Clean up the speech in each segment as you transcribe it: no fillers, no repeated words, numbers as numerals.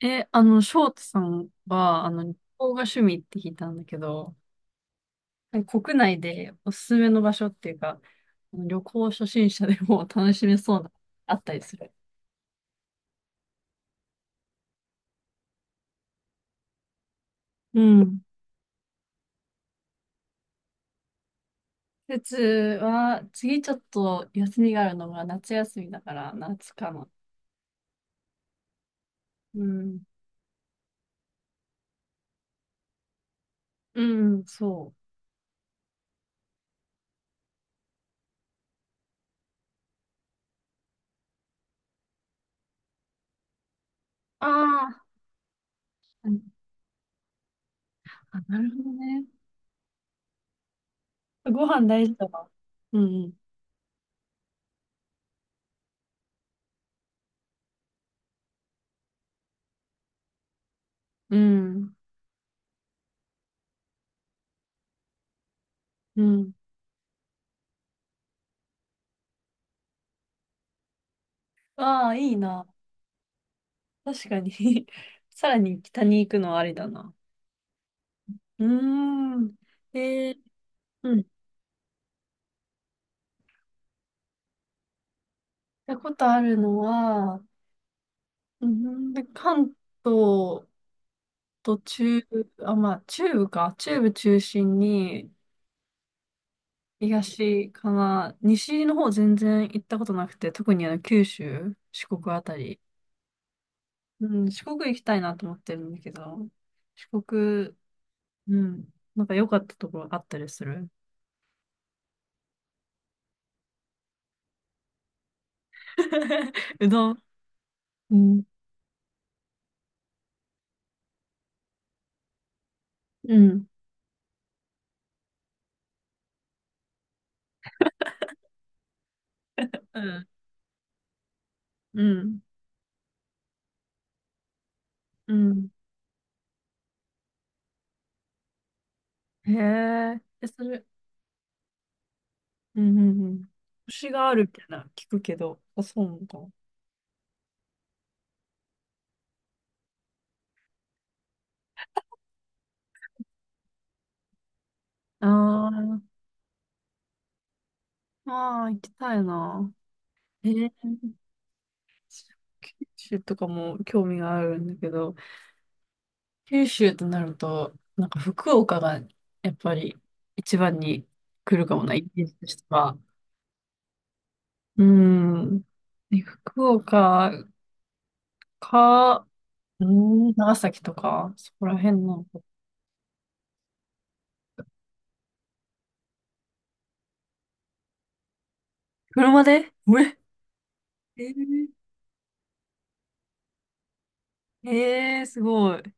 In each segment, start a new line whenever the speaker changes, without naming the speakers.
え、あの、翔太さんは、旅行が趣味って聞いたんだけど、国内でおすすめの場所っていうか、旅行初心者でも楽しめそうな、あったりする。うん。季節は、次ちょっと休みがあるのが夏休みだから、夏かな。うん。うん、そう。ああ。うんあ、なるほどね。ご飯大事だわ。うん、うん。うん。うん。ああ、いいな。確かに さらに北に行くのはありだな。うーん。えー、うん。行ったことあるのは、うん、で、関東と中部、あ、まあ、中部か。中部中心に、東かな。西の方全然行ったことなくて、特に九州、四国あたり。うん、四国行きたいなと思ってるんだけど、四国、うん、なんか良かったところあったりする？ うどん。うん。うん。うん。うん。うんへえ。え、それ、うんうんうん。星があるみたいな、聞くけど、あ、そうなんだ。ああ、ああ、行きたいな。えー、九州とかも興味があるんだけど、九州となると、なんか福岡がやっぱり一番に来るかもな、イメージとしては。うん。で福岡か、うん、長崎とか、そこら辺なのか。車でうええー、すごい。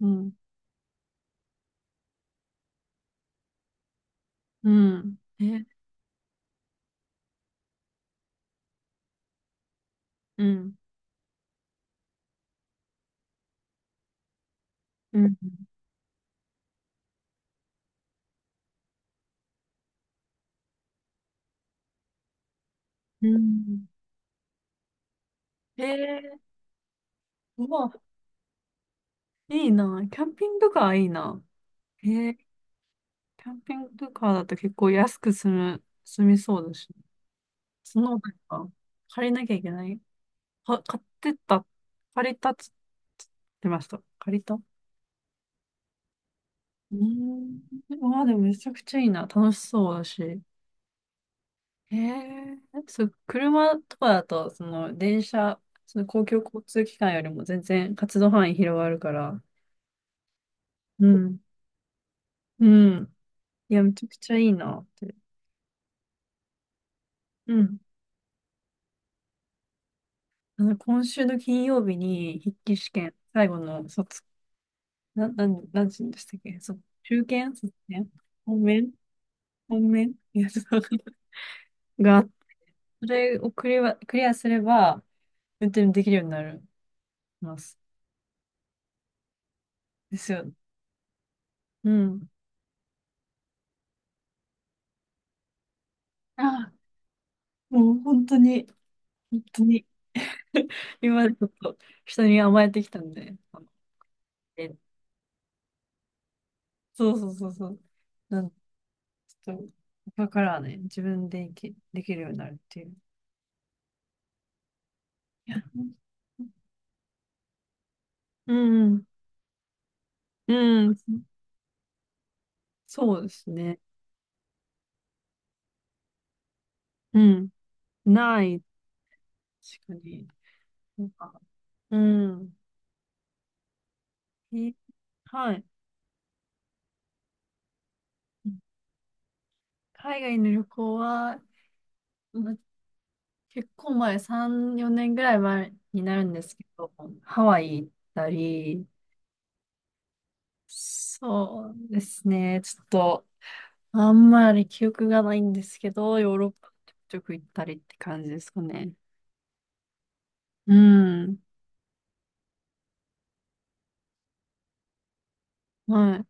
うん。うん。え、うん。うん。うん。へえ、うわ、いいな。キャンピングカーいいな。へえ、キャンピングカーだと結構安く済みそうだし。その、なんか、借りなきゃいけない。は、買ってった、借りたっつつってました。借りたうーん。まあでもめちゃくちゃいいな。楽しそうだし。へえ、そう、車とかだと、その、電車、その公共交通機関よりも全然活動範囲広がるから、うん。うん。いや、めちゃくちゃいいなって。うん。今週の金曜日に筆記試験、最後の卒、なんて言うんでしたっけ、卒、中堅卒検本面本面いや、ちょっとわかんない が、それをクリアすれば、運転できるようになります。ですよ。うん。あもう本当に、本当に、今までちょっと人に甘えてきたんで、えそうそうそうそう。ちょっと、だからね、自分でできるようになるっていう。いやうん、うん、そうですね。うん、ない、確かに。なんかうん、いはい。海外の旅行は、ま結構前、3、4年ぐらい前になるんですけど、ハワイ行ったり、そうですね、ちょっと、あんまり記憶がないんですけど、ヨーロッパちょくちょく行ったりって感じですかね。うん、はい。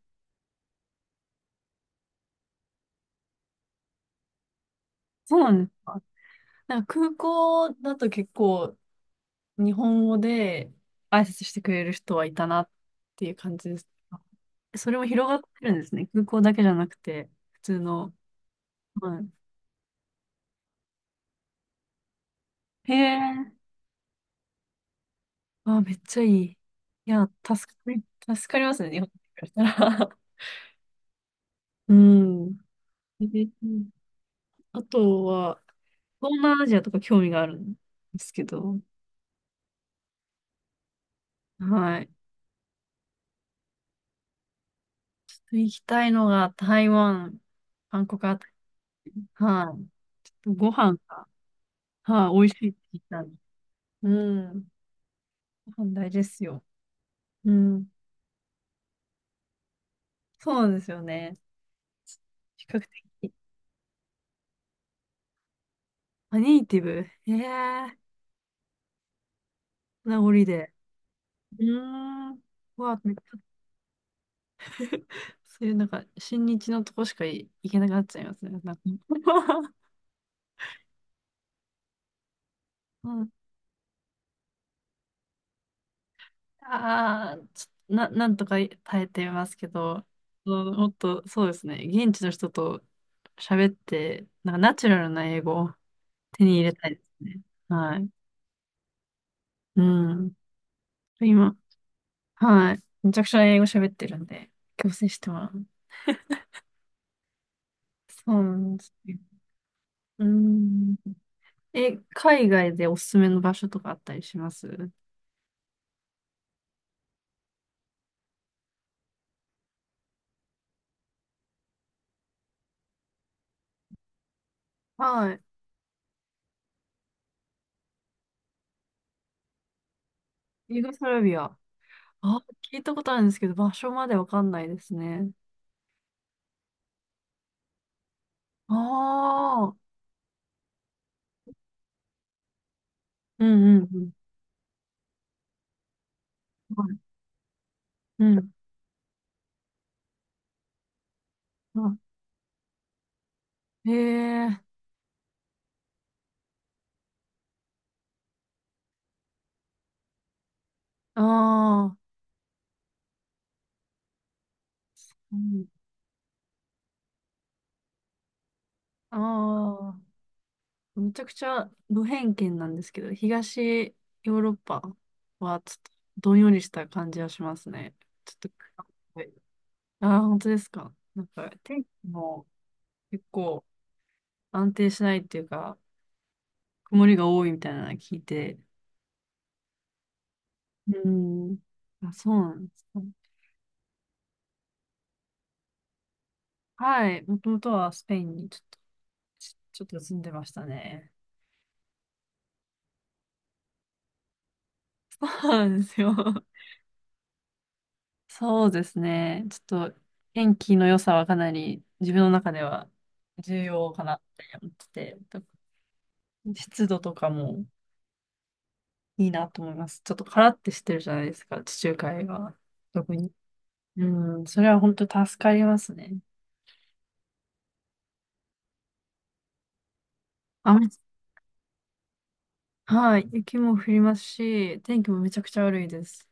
そうなんですか？なんか空港だと結構日本語で挨拶してくれる人はいたなっていう感じです。それも広がってるんですね。空港だけじゃなくて、普通の。はい。へえ。あ、めっちゃいい。いや、助かりますね、日本からしたら。うん。えあとは、東南アジアとか興味があるんですけど、はい。ちょっと行きたいのが台湾、韓国あたり。はい。ちょっとご飯が。はい、美味しいって言ったんで。うん。ご飯大事ですよ。うん。そうなんですよね。比較的。あ、ネイティブ。ええ名残で。うーん。うわ、めっちゃ そういうなんか、親日のとこしかい行けなくなっちゃいますね。なんか うん。ああ、ちょな、なんとか耐えてますけど、うんもっと、そうですね。現地の人と喋って、なんかナチュラルな英語を手に入れたいですね。はい。うん。今、はい。めちゃくちゃ英語喋ってるんで、強制してもらう。そうなんですね。うん。え、海外でおすすめの場所とかあったりします？はい。ユーゴスラビア。あ、聞いたことあるんですけど、場所までわかんないですね。ああ。うんうんうん。はいうん。あ、へえ。ああ。うん。ああ。めちゃくちゃ無偏見なんですけど、東ヨーロッパはちょっとどんよりした感じはしますね。ちょっと、はいああ、本当ですか？なんか天気も結構安定しないっていうか、曇りが多いみたいなの聞いて、うん、あ、そうなんですか？はい、もともとはスペインにちょっと住んでましたね。そうなんですよ。そうですね。ちょっと、天気の良さはかなり自分の中では重要かなって思ってて、湿度とかもいいなと思います。ちょっとカラッてしてるじゃないですか、地中海は。特に。うん、それは本当助かりますね。雨、はい、雪も降りますし、天気もめちゃくちゃ悪いです。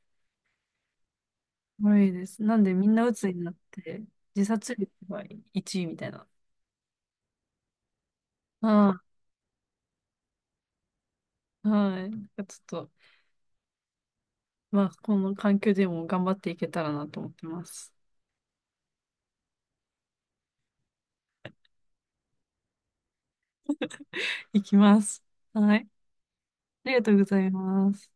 悪いです。なんでみんな鬱になって、自殺率が1位みたいな。ああ、はい。なんかちょっとまあ、この環境でも頑張っていけたらなと思ってます。いきます。はい。ありがとうございます。